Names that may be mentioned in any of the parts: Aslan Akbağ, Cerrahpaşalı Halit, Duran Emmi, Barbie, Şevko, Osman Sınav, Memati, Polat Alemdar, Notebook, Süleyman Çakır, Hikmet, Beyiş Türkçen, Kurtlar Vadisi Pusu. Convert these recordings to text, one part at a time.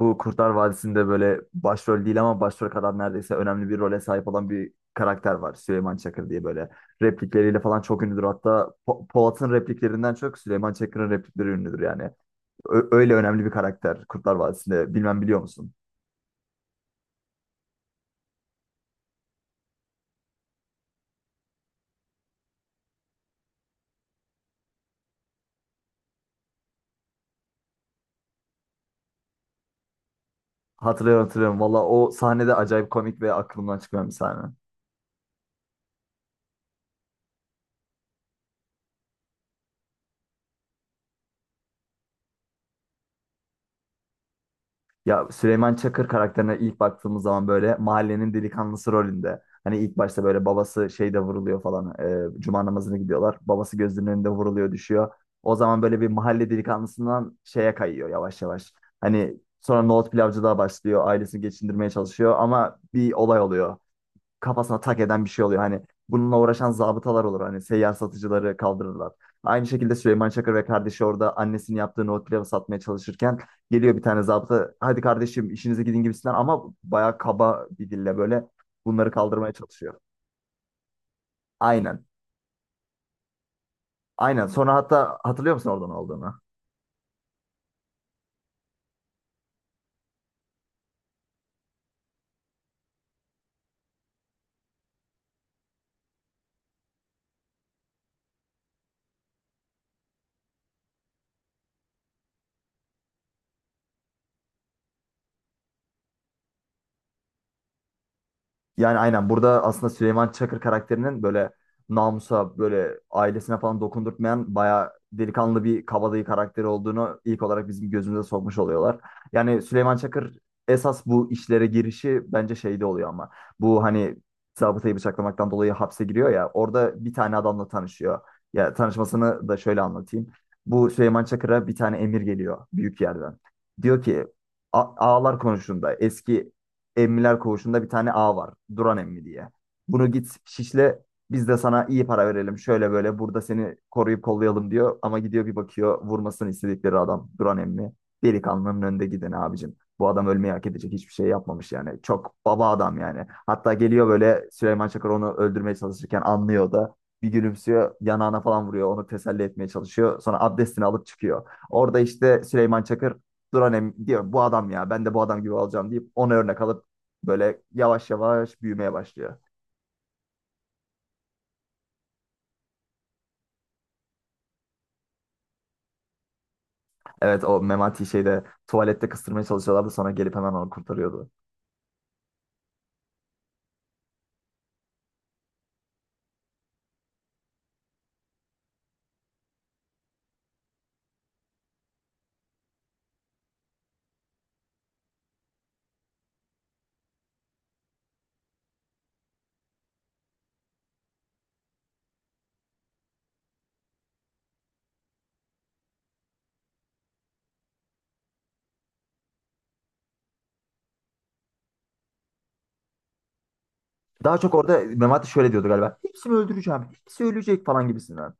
Bu Kurtlar Vadisi'nde böyle başrol değil ama başrol kadar neredeyse önemli bir role sahip olan bir karakter var. Süleyman Çakır diye böyle replikleriyle falan çok ünlüdür. Hatta Polat'ın repliklerinden çok Süleyman Çakır'ın replikleri ünlüdür yani. Öyle önemli bir karakter Kurtlar Vadisi'nde. Bilmem biliyor musun? Hatırlıyorum, hatırlıyorum. Valla o sahnede acayip komik ve aklımdan çıkmayan bir sahne. Ya Süleyman Çakır karakterine ilk baktığımız zaman böyle mahallenin delikanlısı rolünde. Hani ilk başta böyle babası şeyde vuruluyor falan. Cuma namazına gidiyorlar. Babası gözünün önünde vuruluyor, düşüyor. O zaman böyle bir mahalle delikanlısından şeye kayıyor yavaş yavaş. Hani sonra nohut pilavcılığa başlıyor. Ailesini geçindirmeye çalışıyor ama bir olay oluyor, kafasına tak eden bir şey oluyor. Hani bununla uğraşan zabıtalar olur. Hani seyyar satıcıları kaldırırlar. Aynı şekilde Süleyman Çakır ve kardeşi orada annesinin yaptığı nohut pilavı satmaya çalışırken geliyor bir tane zabıta. Hadi kardeşim işinize gidin gibisinden, ama bayağı kaba bir dille böyle bunları kaldırmaya çalışıyor. Aynen. Aynen. Sonra hatta hatırlıyor musun orada ne olduğunu? Yani aynen, burada aslında Süleyman Çakır karakterinin böyle namusa, böyle ailesine falan dokundurtmayan, bayağı delikanlı bir kabadayı karakteri olduğunu ilk olarak bizim gözümüze sokmuş oluyorlar. Yani Süleyman Çakır esas bu işlere girişi bence şeyde oluyor ama, bu hani zabıtayı bıçaklamaktan dolayı hapse giriyor ya, orada bir tane adamla tanışıyor. Ya, tanışmasını da şöyle anlatayım. Bu Süleyman Çakır'a bir tane emir geliyor büyük yerden. Diyor ki "Ağalar konuşunda eski Emmiler Koğuşu'nda bir tane ağ var. Duran Emmi diye. Bunu git şişle, biz de sana iyi para verelim. Şöyle böyle burada seni koruyup kollayalım," diyor. Ama gidiyor, bir bakıyor, vurmasını istedikleri adam Duran Emmi. Delikanlının önde giden abicim. Bu adam ölmeyi hak edecek hiçbir şey yapmamış yani. Çok baba adam yani. Hatta geliyor böyle, Süleyman Çakır onu öldürmeye çalışırken anlıyor da. Bir gülümsüyor, yanağına falan vuruyor, onu teselli etmeye çalışıyor. Sonra abdestini alıp çıkıyor. Orada işte Süleyman Çakır Duran Emmi diyor, bu adam ya, ben de bu adam gibi olacağım deyip ona örnek alıp böyle yavaş yavaş büyümeye başlıyor. Evet, o Memati şeyde tuvalette kıstırmaya çalışıyorlardı, sonra gelip hemen onu kurtarıyordu. Daha çok orada Memati şöyle diyordu galiba. Hepsini öldüreceğim. Hepsi ölecek falan gibisinden.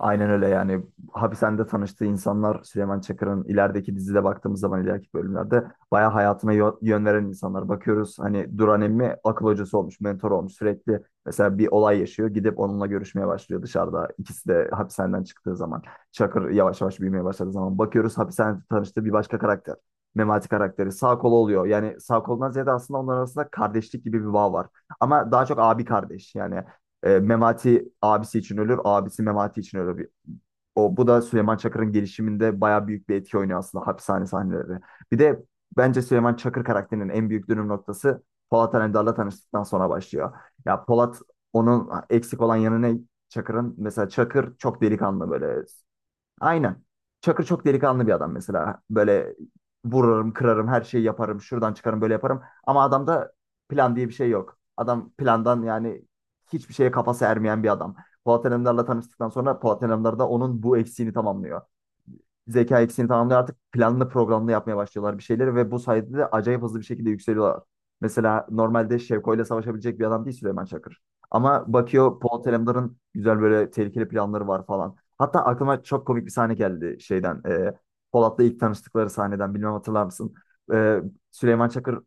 Aynen öyle yani, hapishanede tanıştığı insanlar Süleyman Çakır'ın ilerideki dizide baktığımız zaman ileriki bölümlerde bayağı hayatına yön veren insanlar. Bakıyoruz, hani Duran emmi akıl hocası olmuş, mentor olmuş, sürekli mesela bir olay yaşıyor, gidip onunla görüşmeye başlıyor dışarıda, ikisi de hapishaneden çıktığı zaman. Çakır yavaş yavaş büyümeye başladığı zaman bakıyoruz, hapishanede tanıştığı bir başka karakter, Memati karakteri sağ kolu oluyor. Yani sağ kolundan ziyade aslında onların arasında kardeşlik gibi bir bağ var. Ama daha çok abi kardeş yani, Memati abisi için ölür, abisi Memati için ölür. O, bu da Süleyman Çakır'ın gelişiminde bayağı büyük bir etki oynuyor aslında, hapishane sahneleri. Bir de bence Süleyman Çakır karakterinin en büyük dönüm noktası Polat Alemdar'la tanıştıktan sonra başlıyor. Ya Polat, onun eksik olan yanı ne? Çakır'ın mesela, Çakır çok delikanlı böyle. Aynen. Çakır çok delikanlı bir adam mesela. Böyle vururum, kırarım, her şeyi yaparım. Şuradan çıkarım, böyle yaparım. Ama adamda plan diye bir şey yok. Adam plandan yani, hiçbir şeye kafası ermeyen bir adam. Polat Alemdar'la tanıştıktan sonra Polat Alemdar da onun bu eksiğini tamamlıyor, zeka eksiğini tamamlıyor. Artık planlı programlı yapmaya başlıyorlar bir şeyleri ve bu sayede de acayip hızlı bir şekilde yükseliyorlar. Mesela normalde Şevko ile savaşabilecek bir adam değil Süleyman Çakır. Ama bakıyor, Polat Alemdar'ın güzel böyle tehlikeli planları var falan. Hatta aklıma çok komik bir sahne geldi şeyden. Polat'la ilk tanıştıkları sahneden bilmem hatırlar mısın? E, Süleyman Çakır.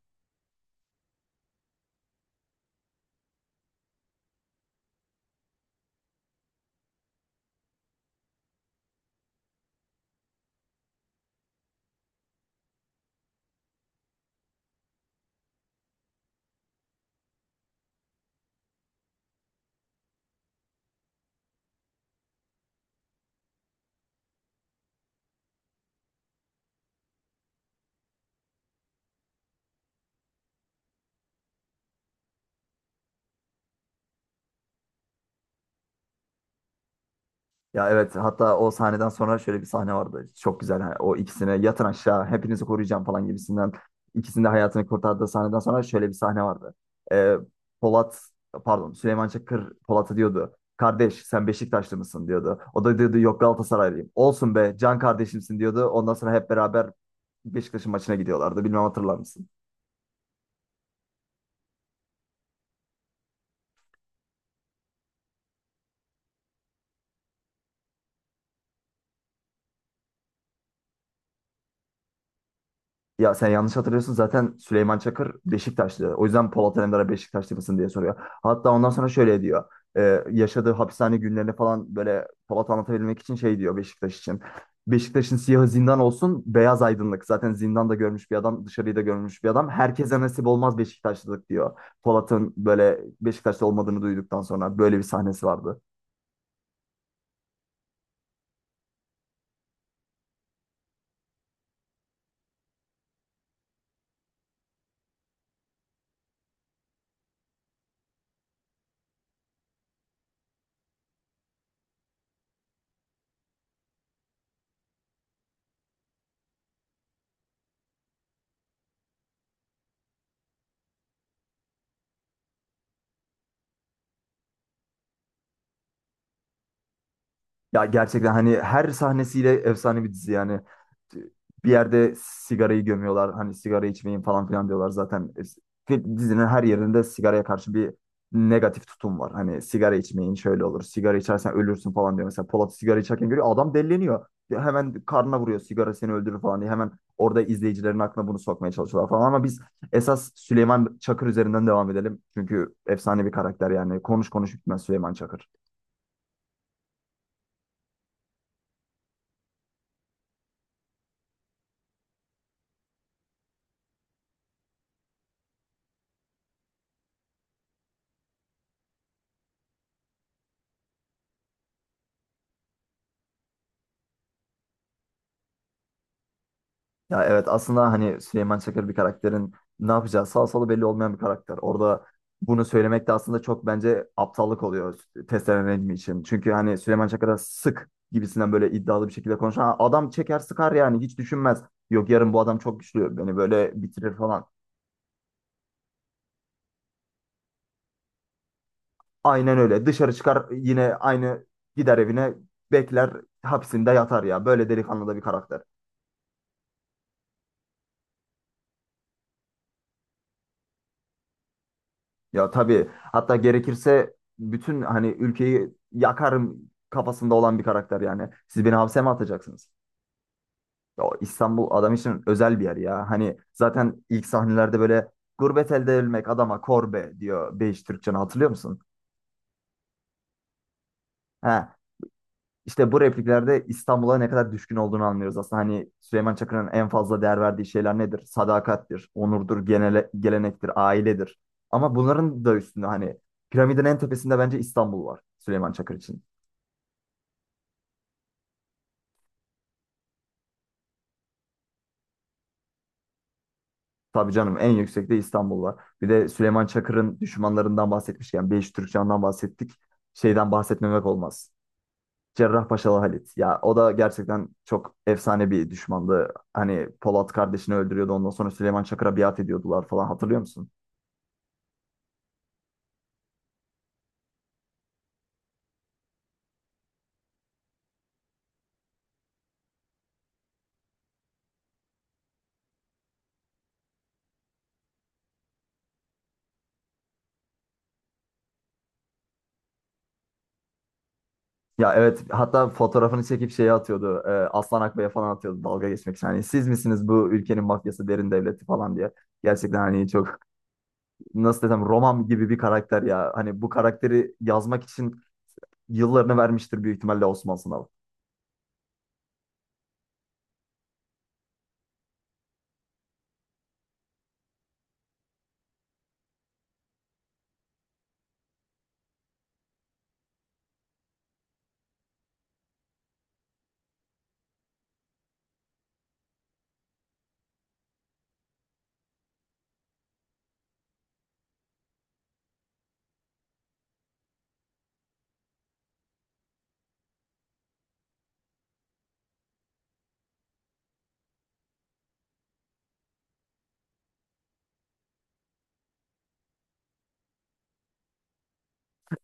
Ya evet, hatta o sahneden sonra şöyle bir sahne vardı. Çok güzel. Hani o ikisine yatın aşağı, hepinizi koruyacağım falan gibisinden. İkisinin de hayatını kurtardığı sahneden sonra şöyle bir sahne vardı. Ee, Polat pardon Süleyman Çakır Polat'a diyordu. Kardeş sen Beşiktaşlı mısın diyordu. O da diyordu yok, Galatasaraylıyım. Olsun be, can kardeşimsin diyordu. Ondan sonra hep beraber Beşiktaş'ın maçına gidiyorlardı. Bilmem hatırlar mısın? Ya sen yanlış hatırlıyorsun, zaten Süleyman Çakır Beşiktaşlı. O yüzden Polat Alemdar'a Beşiktaşlı mısın diye soruyor. Hatta ondan sonra şöyle diyor. Yaşadığı hapishane günlerini falan böyle Polat anlatabilmek için şey diyor Beşiktaş için. Beşiktaş'ın siyahı zindan olsun, beyaz aydınlık. Zaten zindanda görmüş bir adam, dışarıyı da görmüş bir adam. Herkese nasip olmaz Beşiktaşlılık diyor. Polat'ın böyle Beşiktaşlı olmadığını duyduktan sonra böyle bir sahnesi vardı. Ya gerçekten hani her sahnesiyle efsane bir dizi yani. Bir yerde sigarayı gömüyorlar. Hani sigara içmeyin falan filan diyorlar zaten. Dizinin her yerinde sigaraya karşı bir negatif tutum var. Hani sigara içmeyin, şöyle olur. Sigara içersen ölürsün falan diyor. Mesela Polat sigara içerken görüyor, adam delleniyor. Hemen karnına vuruyor, sigara seni öldürür falan diye. Hemen orada izleyicilerin aklına bunu sokmaya çalışıyorlar falan. Ama biz esas Süleyman Çakır üzerinden devam edelim. Çünkü efsane bir karakter yani. Konuş konuş bitmez Süleyman Çakır. Ya evet, aslında hani Süleyman Çakır bir karakterin ne yapacağı, sağ solu belli olmayan bir karakter. Orada bunu söylemek de aslında çok bence aptallık oluyor test Nedim'i için. Çünkü hani Süleyman Çakır'a sık gibisinden böyle iddialı bir şekilde konuşan. "Ha, adam çeker sıkar yani, hiç düşünmez. Yok yarın bu adam çok güçlü, beni böyle bitirir falan." Aynen öyle, dışarı çıkar yine, aynı gider evine, bekler, hapsinde yatar ya. Böyle delikanlı da bir karakter. Ya tabii, hatta gerekirse bütün hani ülkeyi yakarım kafasında olan bir karakter yani. Siz beni hapse mi atacaksınız? Ya o İstanbul adam için özel bir yer ya. Hani zaten ilk sahnelerde böyle gurbet elde edilmek adama korbe diyor Beyiş Türkçen'i, hatırlıyor musun? He. İşte bu repliklerde İstanbul'a ne kadar düşkün olduğunu anlıyoruz aslında. Hani Süleyman Çakır'ın en fazla değer verdiği şeyler nedir? Sadakattir, onurdur, genele, gelenektir, ailedir. Ama bunların da üstünde hani piramidin en tepesinde bence İstanbul var Süleyman Çakır için. Tabii canım, en yüksekte İstanbul var. Bir de Süleyman Çakır'ın düşmanlarından bahsetmişken Beyiş Türkcan'dan bahsettik. Şeyden bahsetmemek olmaz. Cerrahpaşalı Halit. Ya o da gerçekten çok efsane bir düşmandı. Hani Polat kardeşini öldürüyordu, ondan sonra Süleyman Çakır'a biat ediyordular falan, hatırlıyor musun? Ya evet, hatta fotoğrafını çekip şeye atıyordu. Aslan Akbağ'a falan atıyordu dalga geçmek için. Hani siz misiniz bu ülkenin mafyası, derin devleti falan diye. Gerçekten hani çok, nasıl desem, roman gibi bir karakter ya. Hani bu karakteri yazmak için yıllarını vermiştir büyük ihtimalle Osman Sınav.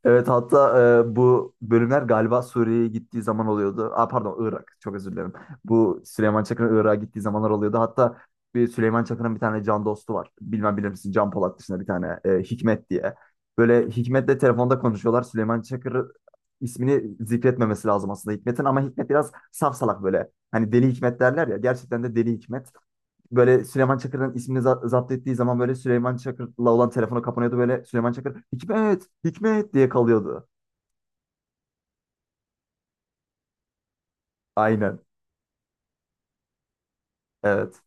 Evet, hatta bu bölümler galiba Suriye'ye gittiği zaman oluyordu. Aa, pardon, Irak, çok özür dilerim. Bu Süleyman Çakır'ın Irak'a gittiği zamanlar oluyordu. Hatta bir Süleyman Çakır'ın bir tane can dostu var. Bilmem bilir misin, Can Polat dışında bir tane Hikmet diye. Böyle Hikmet'le telefonda konuşuyorlar. Süleyman Çakır ismini zikretmemesi lazım aslında Hikmet'in, ama Hikmet biraz saf salak böyle. Hani deli Hikmet derler ya, gerçekten de deli Hikmet. Böyle Süleyman Çakır'ın ismini zapt ettiği zaman böyle Süleyman Çakır'la olan telefonu kapanıyordu, böyle Süleyman Çakır Hikmet, Hikmet diye kalıyordu. Aynen. Evet.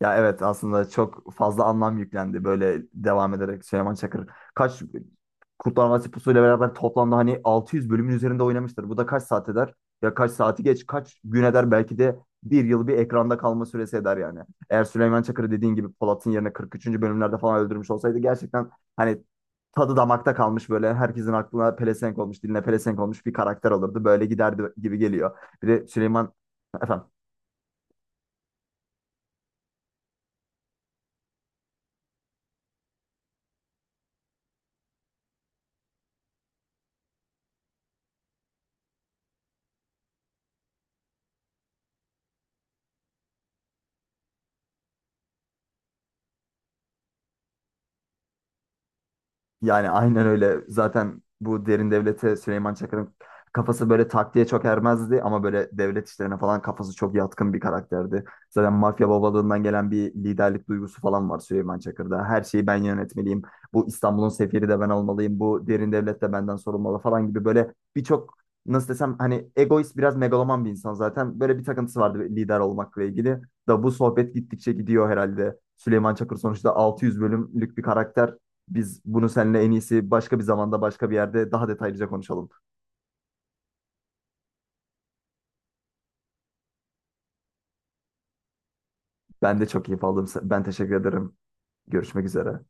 Ya evet, aslında çok fazla anlam yüklendi böyle devam ederek Süleyman Çakır. Kaç Kurtlar Vadisi Pusu ile beraber toplamda hani 600 bölümün üzerinde oynamıştır. Bu da kaç saat eder? Ya kaç saati geç, kaç gün eder, belki de bir yıl bir ekranda kalma süresi eder yani. Eğer Süleyman Çakır'ı dediğin gibi Polat'ın yerine 43. bölümlerde falan öldürmüş olsaydı, gerçekten hani tadı damakta kalmış, böyle herkesin aklına pelesenk olmuş, diline pelesenk olmuş bir karakter olurdu. Böyle giderdi gibi geliyor. Bir de Süleyman, efendim? Yani aynen öyle. Zaten bu derin devlete Süleyman Çakır'ın kafası böyle taktiğe çok ermezdi ama böyle devlet işlerine falan kafası çok yatkın bir karakterdi. Zaten mafya babalığından gelen bir liderlik duygusu falan var Süleyman Çakır'da. Her şeyi ben yönetmeliyim. Bu İstanbul'un sefiri de ben olmalıyım. Bu derin devlet de benden sorulmalı falan gibi, böyle birçok, nasıl desem, hani egoist, biraz megaloman bir insan zaten. Böyle bir takıntısı vardı lider olmakla ilgili. Da bu sohbet gittikçe gidiyor herhalde. Süleyman Çakır sonuçta 600 bölümlük bir karakter, biz bunu seninle en iyisi başka bir zamanda başka bir yerde daha detaylıca konuşalım. Ben de çok keyif aldım. Ben teşekkür ederim. Görüşmek üzere.